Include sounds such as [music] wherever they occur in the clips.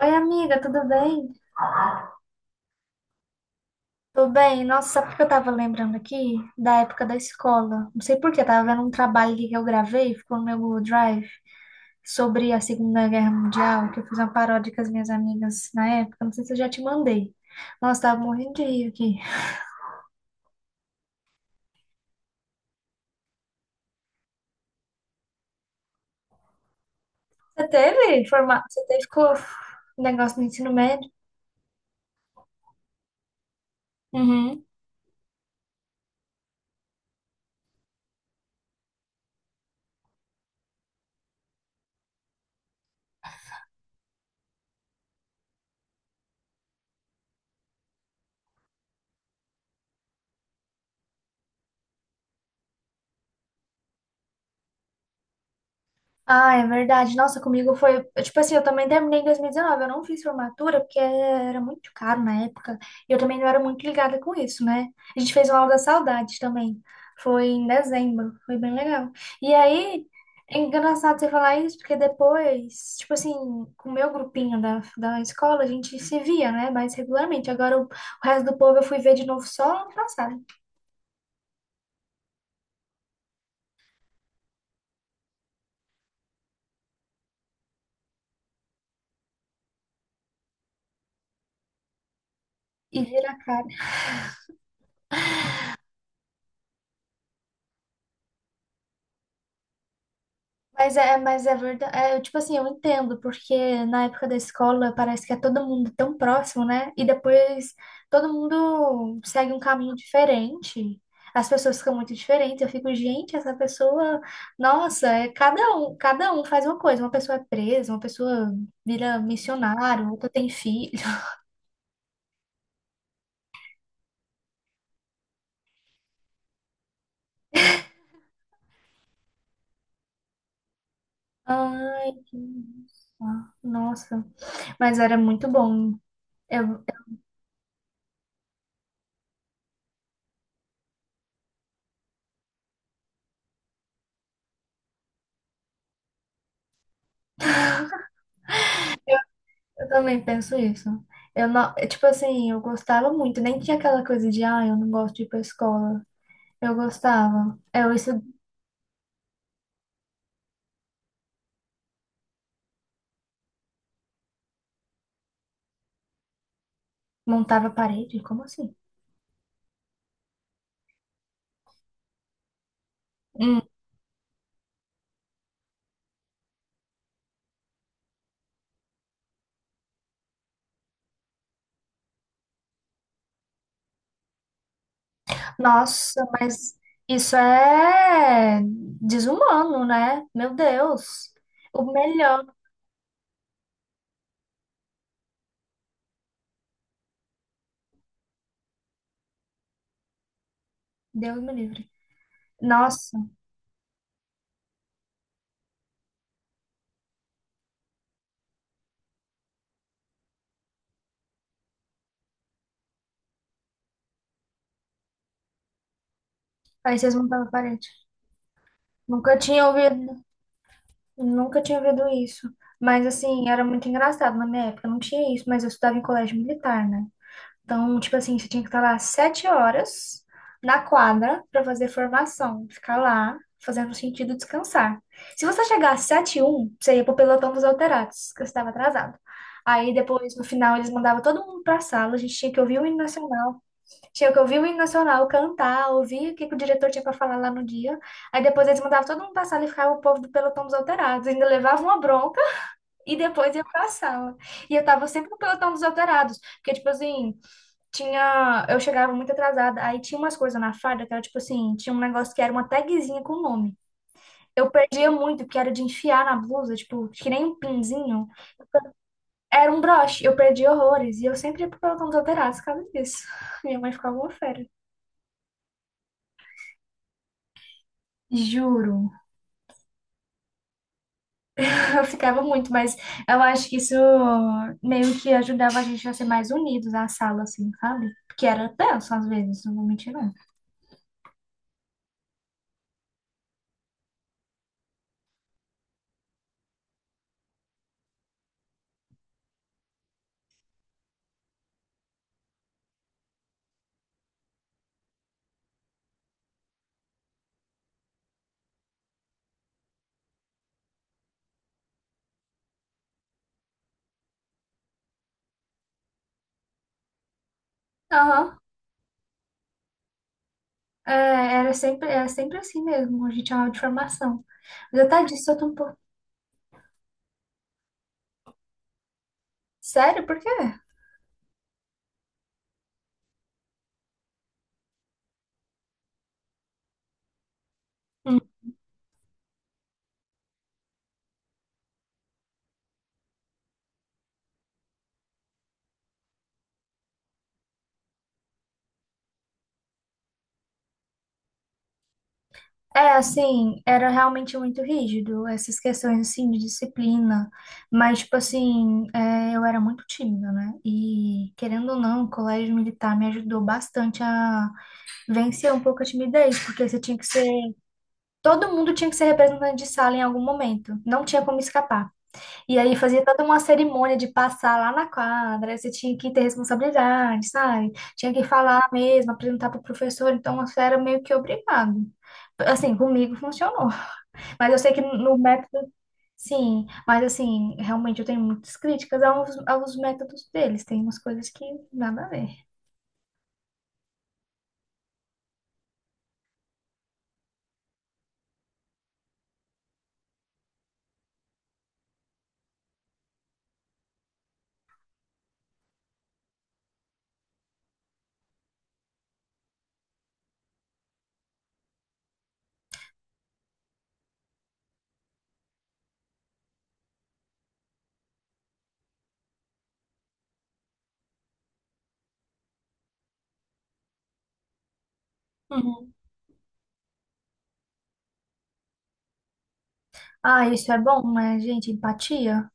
Oi, amiga, tudo bem? Tudo bem? Nossa, sabe o que eu tava lembrando aqui? Da época da escola. Não sei por que tava vendo um trabalho ali que eu gravei, ficou no meu Google Drive, sobre a Segunda Guerra Mundial, que eu fiz uma paródia com as minhas amigas na época. Não sei se eu já te mandei. Nossa, tava morrendo de rir aqui. Você teve forma... Você teve co- negócio no ensino médio? Uhum. Ah, é verdade. Nossa, comigo foi. Tipo assim, eu também terminei em 2019. Eu não fiz formatura porque era muito caro na época. E eu também não era muito ligada com isso, né? A gente fez uma aula da saudade também. Foi em dezembro. Foi bem legal. E aí, é engraçado você falar isso, porque depois, tipo assim, com o meu grupinho da escola, a gente se via, né? Mais regularmente. Agora, o resto do povo eu fui ver de novo só ano passado. E vira cara. Mas é verdade. É, tipo assim, eu entendo, porque na época da escola parece que é todo mundo tão próximo, né? E depois todo mundo segue um caminho diferente. As pessoas ficam muito diferentes. Eu fico, gente, essa pessoa, nossa, é cada um faz uma coisa. Uma pessoa é presa, uma pessoa vira missionário, outra tem filho. Ai, que... nossa. Mas era muito bom. Eu, Eu também penso isso. Eu não, é, tipo assim, eu gostava muito, nem tinha aquela coisa de, ah, eu não gosto de ir pra escola. Eu gostava. Eu isso montava parede, como assim? Hum. Nossa, mas isso é desumano, né? Meu Deus. O melhor, Deus me livre. Nossa, aí vocês montavam parede. Nunca tinha ouvido, nunca tinha ouvido isso. Mas assim, era muito engraçado na minha época, não tinha isso, mas eu estudava em colégio militar, né? Então, tipo assim, você tinha que estar lá sete horas na quadra para fazer formação, ficar lá fazendo sentido descansar. Se você chegar às sete e um, você ia pro pelotão dos alterados, que você estava atrasado. Aí depois, no final, eles mandavam todo mundo para sala, a gente tinha que ouvir o hino nacional, tinha que ouvir o hino nacional, cantar, ouvir o que que o diretor tinha para falar lá no dia. Aí depois eles mandavam todo mundo para sala e ficava o povo do pelotão dos alterados, ainda levavam uma bronca e depois ia para sala. E eu tava sempre no pelotão dos alterados, porque tipo assim, tinha, eu chegava muito atrasada, aí tinha umas coisas na farda que era tipo assim, tinha um negócio que era uma tagzinha com o nome. Eu perdia muito, porque era de enfiar na blusa, tipo, que nem um pinzinho. Era um broche, eu perdi horrores, e eu sempre ia pro pelotão dos alterados por causa disso. [laughs] Minha mãe ficava uma fera. Juro, [laughs] eu ficava muito, mas eu acho que isso meio que ajudava a gente a ser mais unidos na sala, assim, sabe? Porque era tenso às vezes, não vou mentir, não. Aham. É, era sempre assim mesmo, a gente chamava de formação. Apesar disso, eu tô um pouco. Sério? Por quê? Hum. É, assim, era realmente muito rígido, essas questões, assim, de disciplina. Mas, tipo assim, é, eu era muito tímida, né? E, querendo ou não, o colégio militar me ajudou bastante a vencer um pouco a timidez, porque você tinha que ser... Todo mundo tinha que ser representante de sala em algum momento. Não tinha como escapar. E aí fazia toda uma cerimônia de passar lá na quadra, aí você tinha que ter responsabilidade, sabe? Tinha que falar mesmo, apresentar para o professor, então você era meio que obrigado. Assim, comigo funcionou. Mas eu sei que no método, sim, mas assim, realmente eu tenho muitas críticas aos métodos deles, tem umas coisas que nada a ver. Uhum. Ah, isso é bom, né, gente? Empatia.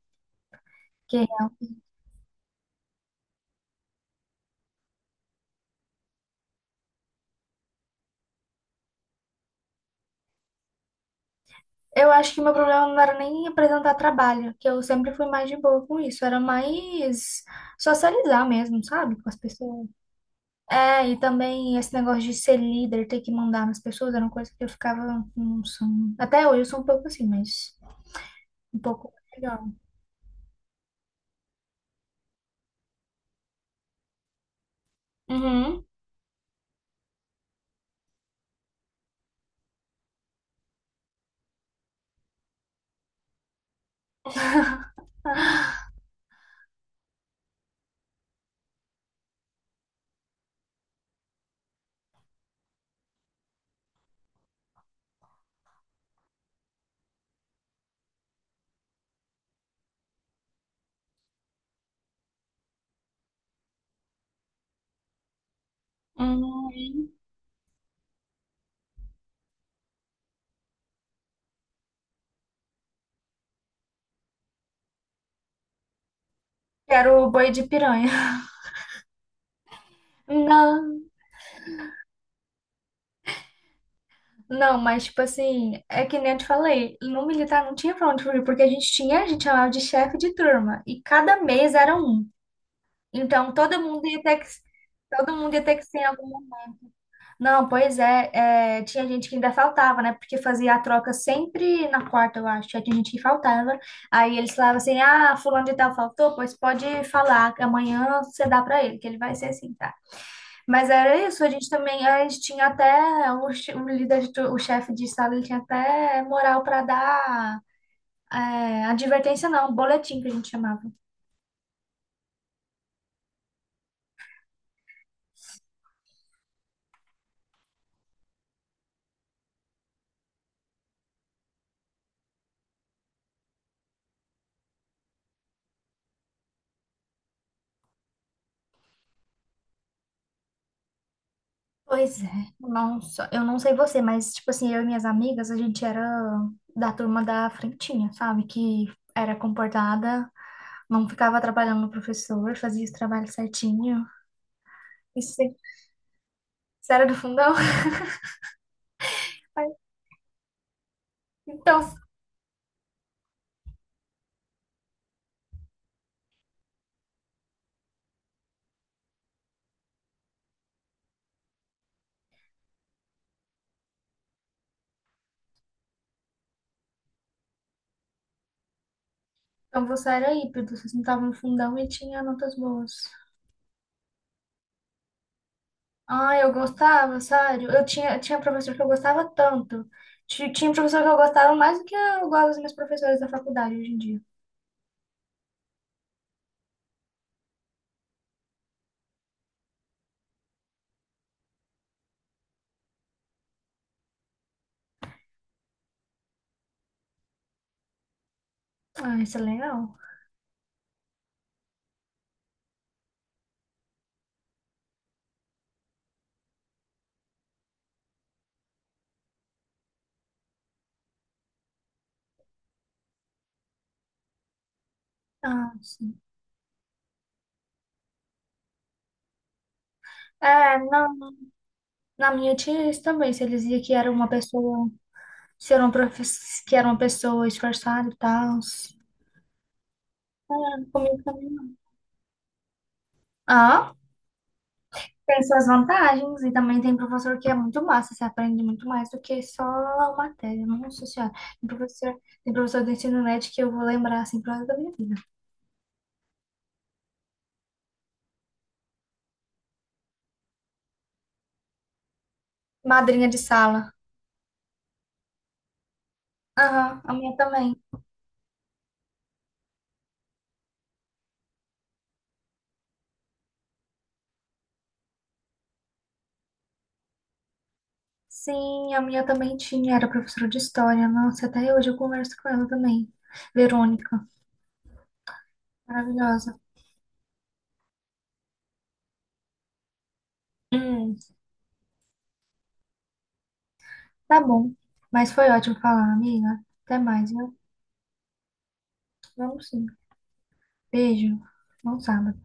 Que eu acho que meu problema não era nem apresentar trabalho, que eu sempre fui mais de boa com isso, era mais socializar mesmo, sabe, com as pessoas. É, e também esse negócio de ser líder, ter que mandar nas pessoas, era uma coisa que eu ficava, não sou, até hoje eu sou um pouco assim, mas um pouco melhor. Uhum, uhum. Quero o boi de piranha. [laughs] Não, não, mas tipo assim, é que nem eu te falei, no militar não tinha pra onde fugir, porque a gente tinha, a gente chamava de chefe de turma, e cada mês era um. Então, todo mundo ia ter que, todo mundo ia ter que ser algum. Não, pois é, é, tinha gente que ainda faltava, né? Porque fazia a troca sempre na quarta, eu acho. Aí tinha gente que faltava. Aí eles falavam assim: ah, fulano de tal faltou, pois pode falar, que amanhã você dá pra ele, que ele vai ser assim, tá? Mas era isso, a gente também, a gente tinha até o, che- o líder, de tu- o chefe de sala, ele tinha até moral pra dar é, advertência, não, boletim que a gente chamava. Pois é, nossa, eu não sei você, mas tipo assim, eu e minhas amigas, a gente era da turma da frentinha, sabe? Que era comportada, não ficava atrapalhando o professor, fazia os trabalhos certinho. Isso, aí, isso era do fundão? [laughs] Ai, Então, então você era híbrido, você não tava no fundão e tinha notas boas. Ah, eu gostava, sério. Eu tinha, tinha professor que eu gostava tanto. Ti- Tinha professor que eu gostava mais do que eu gosto dos meus professores da faculdade hoje em dia. Ah, isso é legal. Ah, sim. É, não. Na minha tinha isso também. Se eles diziam que era uma pessoa, se era uma, profe- que era uma pessoa esforçada e tal. Ah, comigo também não. Ah, tem suas vantagens. E também tem professor que é muito massa. Você aprende muito mais do que só a matéria. Nossa senhora. Tem professor do ensino médio que eu vou lembrar assim pro resto da minha vida. Madrinha de sala. Aham, a minha também. Sim, a minha também tinha. Era professora de história. Nossa, até hoje eu converso com ela também. Verônica. Maravilhosa. Hum. Tá bom. Mas foi ótimo falar, amiga. Até mais, viu? Vamos sim. Beijo. Bom sábado.